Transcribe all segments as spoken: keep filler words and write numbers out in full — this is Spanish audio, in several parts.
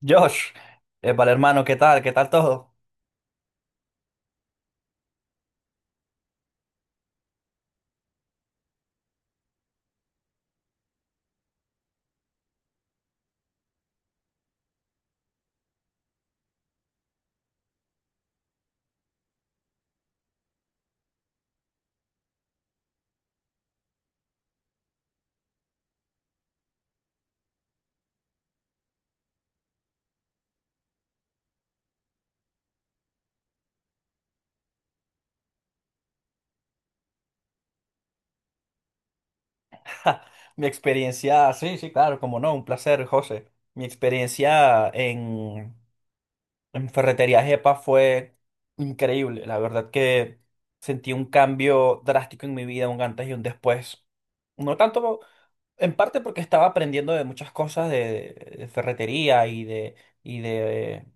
Josh, vale hermano, ¿qué tal? ¿Qué tal todo? Mi experiencia, sí, sí, claro, como no, un placer, José. Mi experiencia en, en Ferretería Jepa fue increíble. La verdad que sentí un cambio drástico en mi vida, un antes y un después. No tanto, en parte porque estaba aprendiendo de muchas cosas de, de ferretería y de, y de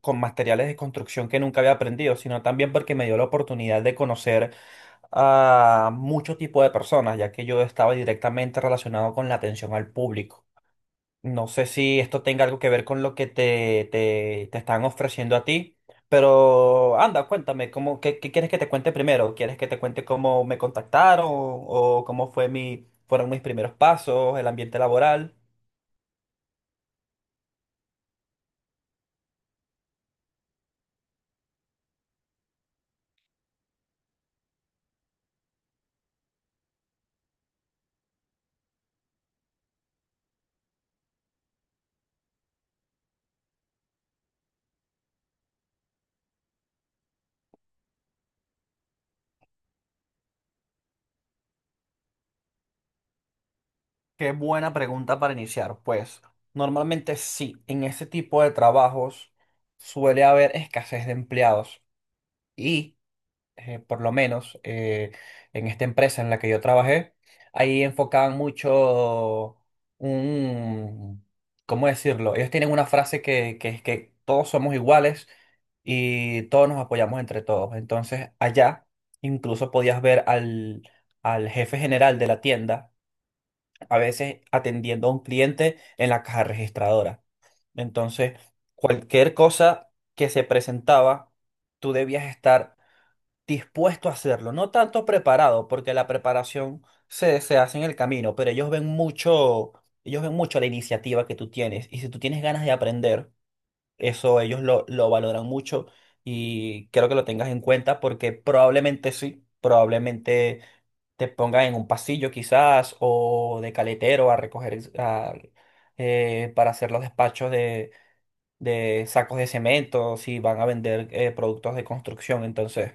con materiales de construcción que nunca había aprendido, sino también porque me dio la oportunidad de conocer a mucho tipo de personas, ya que yo estaba directamente relacionado con la atención al público. No sé si esto tenga algo que ver con lo que te, te, te están ofreciendo a ti, pero anda, cuéntame, ¿cómo, qué, qué quieres que te cuente primero? ¿Quieres que te cuente cómo me contactaron o cómo fue mi, fueron mis primeros pasos, el ambiente laboral? Qué buena pregunta para iniciar. Pues normalmente sí, en ese tipo de trabajos suele haber escasez de empleados. Y eh, por lo menos eh, en esta empresa en la que yo trabajé, ahí enfocaban mucho un, ¿cómo decirlo? Ellos tienen una frase que, que es que todos somos iguales y todos nos apoyamos entre todos. Entonces, allá incluso podías ver al, al jefe general de la tienda, a veces atendiendo a un cliente en la caja registradora. Entonces, cualquier cosa que se presentaba, tú debías estar dispuesto a hacerlo, no tanto preparado, porque la preparación se, se hace en el camino, pero ellos ven mucho, ellos ven mucho la iniciativa que tú tienes. Y si tú tienes ganas de aprender, eso ellos lo, lo valoran mucho y quiero que lo tengas en cuenta porque probablemente sí, probablemente te pongan en un pasillo quizás o de caletero a recoger a- eh, para hacer los despachos de, de sacos de cemento, si van a vender eh, productos de construcción, entonces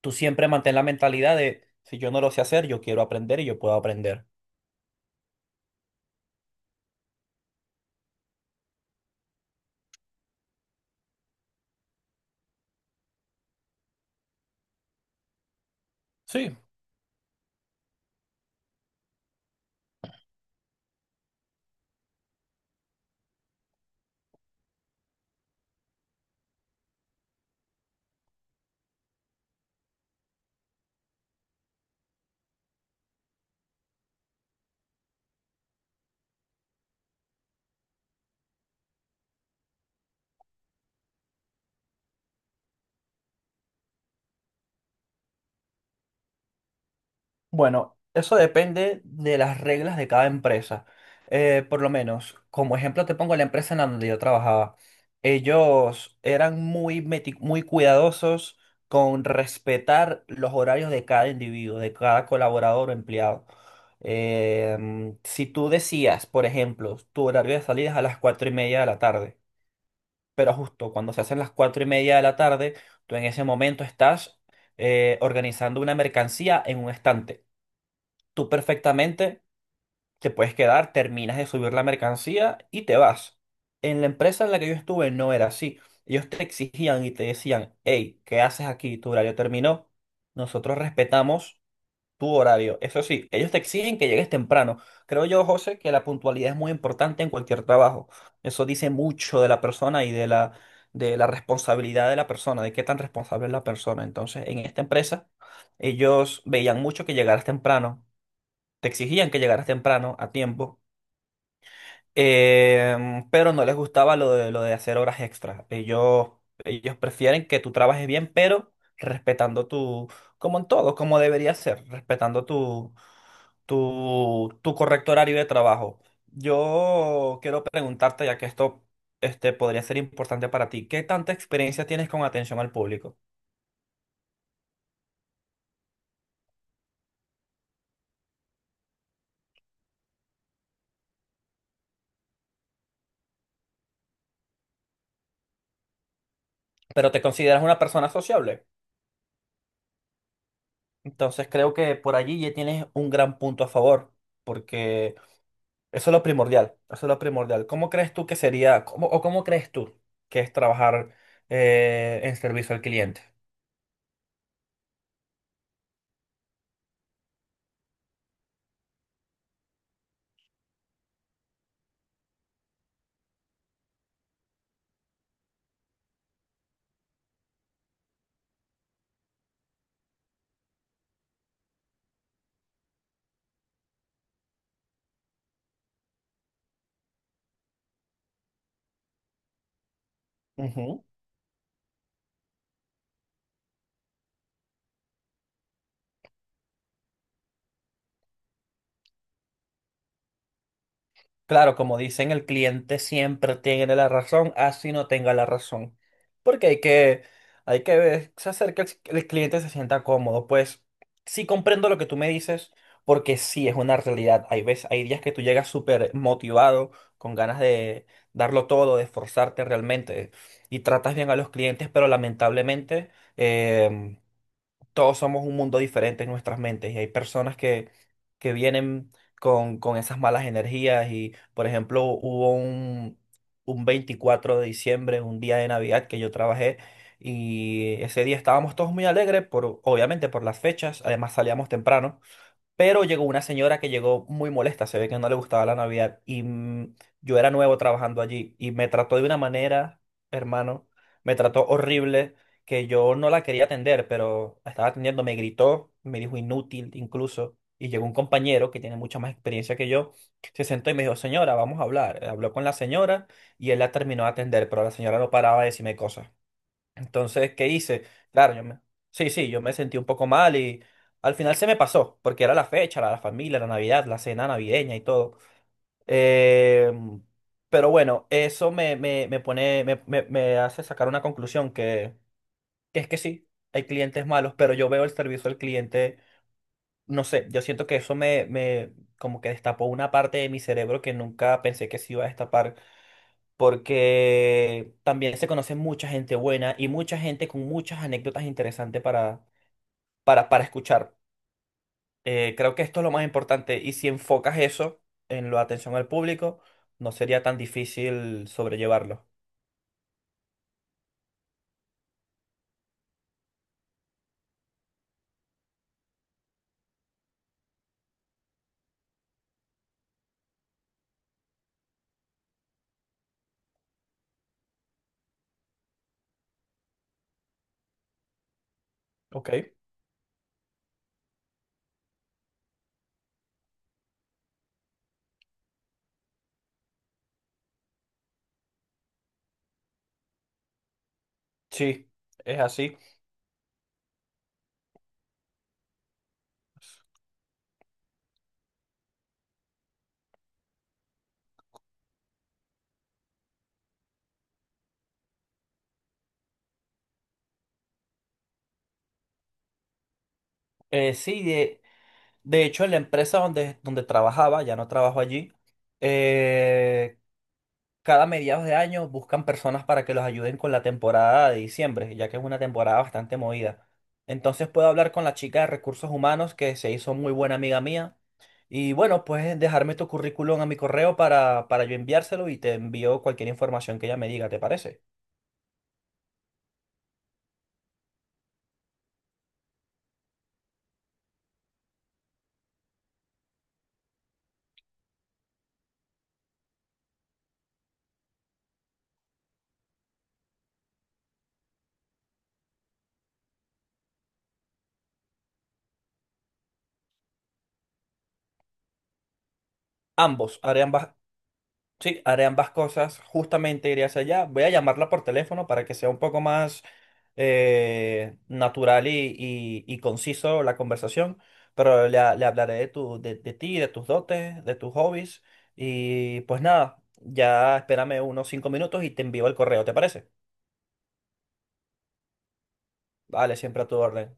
tú siempre mantén la mentalidad de, si yo no lo sé hacer, yo quiero aprender y yo puedo aprender. Sí, bueno, eso depende de las reglas de cada empresa. Eh, por lo menos, como ejemplo te pongo la empresa en la donde yo trabajaba. Ellos eran muy, meti- muy cuidadosos con respetar los horarios de cada individuo, de cada colaborador o empleado. Em, si tú decías, por ejemplo, tu horario de salida es a las cuatro y media de la tarde, pero justo cuando se hacen las cuatro y media de la tarde, tú en ese momento estás eh, organizando una mercancía en un estante. Tú perfectamente te puedes quedar, terminas de subir la mercancía y te vas. En la empresa en la que yo estuve no era así. Ellos te exigían y te decían, hey, ¿qué haces aquí? Tu horario terminó. Nosotros respetamos tu horario. Eso sí, ellos te exigen que llegues temprano. Creo yo, José, que la puntualidad es muy importante en cualquier trabajo. Eso dice mucho de la persona y de la, de la responsabilidad de la persona, de qué tan responsable es la persona. Entonces, en esta empresa, ellos veían mucho que llegaras temprano, te exigían que llegaras temprano a tiempo, em, pero no les gustaba lo de, lo de hacer horas extras. Ellos, ellos prefieren que tú trabajes bien, pero respetando tu, como en todo, como debería ser, respetando tu, tu, tu correcto horario de trabajo. Yo quiero preguntarte, ya que esto este, podría ser importante para ti, ¿qué tanta experiencia tienes con atención al público? Pero te consideras una persona sociable. Entonces creo que por allí ya tienes un gran punto a favor, porque eso es lo primordial, eso es lo primordial. ¿Cómo crees tú que sería, cómo- o cómo crees tú que es trabajar eh, en servicio al cliente? Claro, como dicen, el cliente siempre tiene la razón, así no tenga la razón. Porque hay que, hay que ver- hacer que el, el cliente se sienta cómodo. Pues sí comprendo lo que tú me dices, porque sí es una realidad. Hay veces, hay días que tú llegas súper motivado, con ganas de darlo todo, de esforzarte realmente, y tratas bien a los clientes, pero lamentablemente em, todos somos un mundo diferente en nuestras mentes y hay personas que, que vienen con, con esas malas energías y, por ejemplo, hubo un, un veinticuatro de diciembre, un día de Navidad que yo trabajé y ese día estábamos todos muy alegres, por, obviamente por las fechas, además salíamos temprano. Pero llegó una señora que llegó muy molesta, se ve que no le gustaba la Navidad y mm, yo era nuevo trabajando allí y me trató de una manera, hermano, me trató horrible, que yo no la quería atender, pero estaba atendiendo, me gritó, me dijo inútil incluso, y llegó un compañero que tiene mucha más experiencia que yo, se sentó y me dijo, señora, vamos a hablar. Habló con la señora y él la terminó de atender, pero la señora no paraba de decirme cosas. Entonces, ¿qué hice? Claro, yo me... Sí, sí, yo me sentí un poco mal y al final se me pasó, porque era la fecha, la, la familia, la Navidad, la cena navideña y todo. Eh, pero bueno, eso me, me, me pone, me, me, me hace sacar una conclusión que, que es que sí, hay clientes malos, pero yo veo el servicio al cliente, no sé, yo siento que eso me, me como que destapó una parte de mi cerebro que nunca pensé que se iba a destapar porque también se conoce mucha gente buena y mucha gente con muchas anécdotas interesantes para, para, para escuchar. Eh, creo que esto es lo más importante y si enfocas eso en la atención al público, no sería tan difícil sobrellevarlo. Ok, sí, es así. Eh, sí, de, de hecho, en la empresa donde, donde trabajaba, ya no trabajo allí, eh, cada mediados de año buscan personas para que los ayuden con la temporada de diciembre, ya que es una temporada bastante movida. Entonces puedo hablar con la chica de recursos humanos que se hizo muy buena amiga mía. Y bueno, puedes dejarme tu currículum a mi correo para, para yo enviárselo y te envío cualquier información que ella me diga, ¿te parece? Ambos, haré ambas, Sí, haré ambas cosas. Justamente iré hacia allá. Voy a llamarla por teléfono para que sea un poco más eh, natural y, y- y conciso la conversación. Pero le, ha- le hablaré de, tu, de, de ti, de tus dotes, de tus hobbies. Y pues nada, ya espérame unos cinco minutos y te envío el correo, ¿te parece? Vale, siempre a tu orden.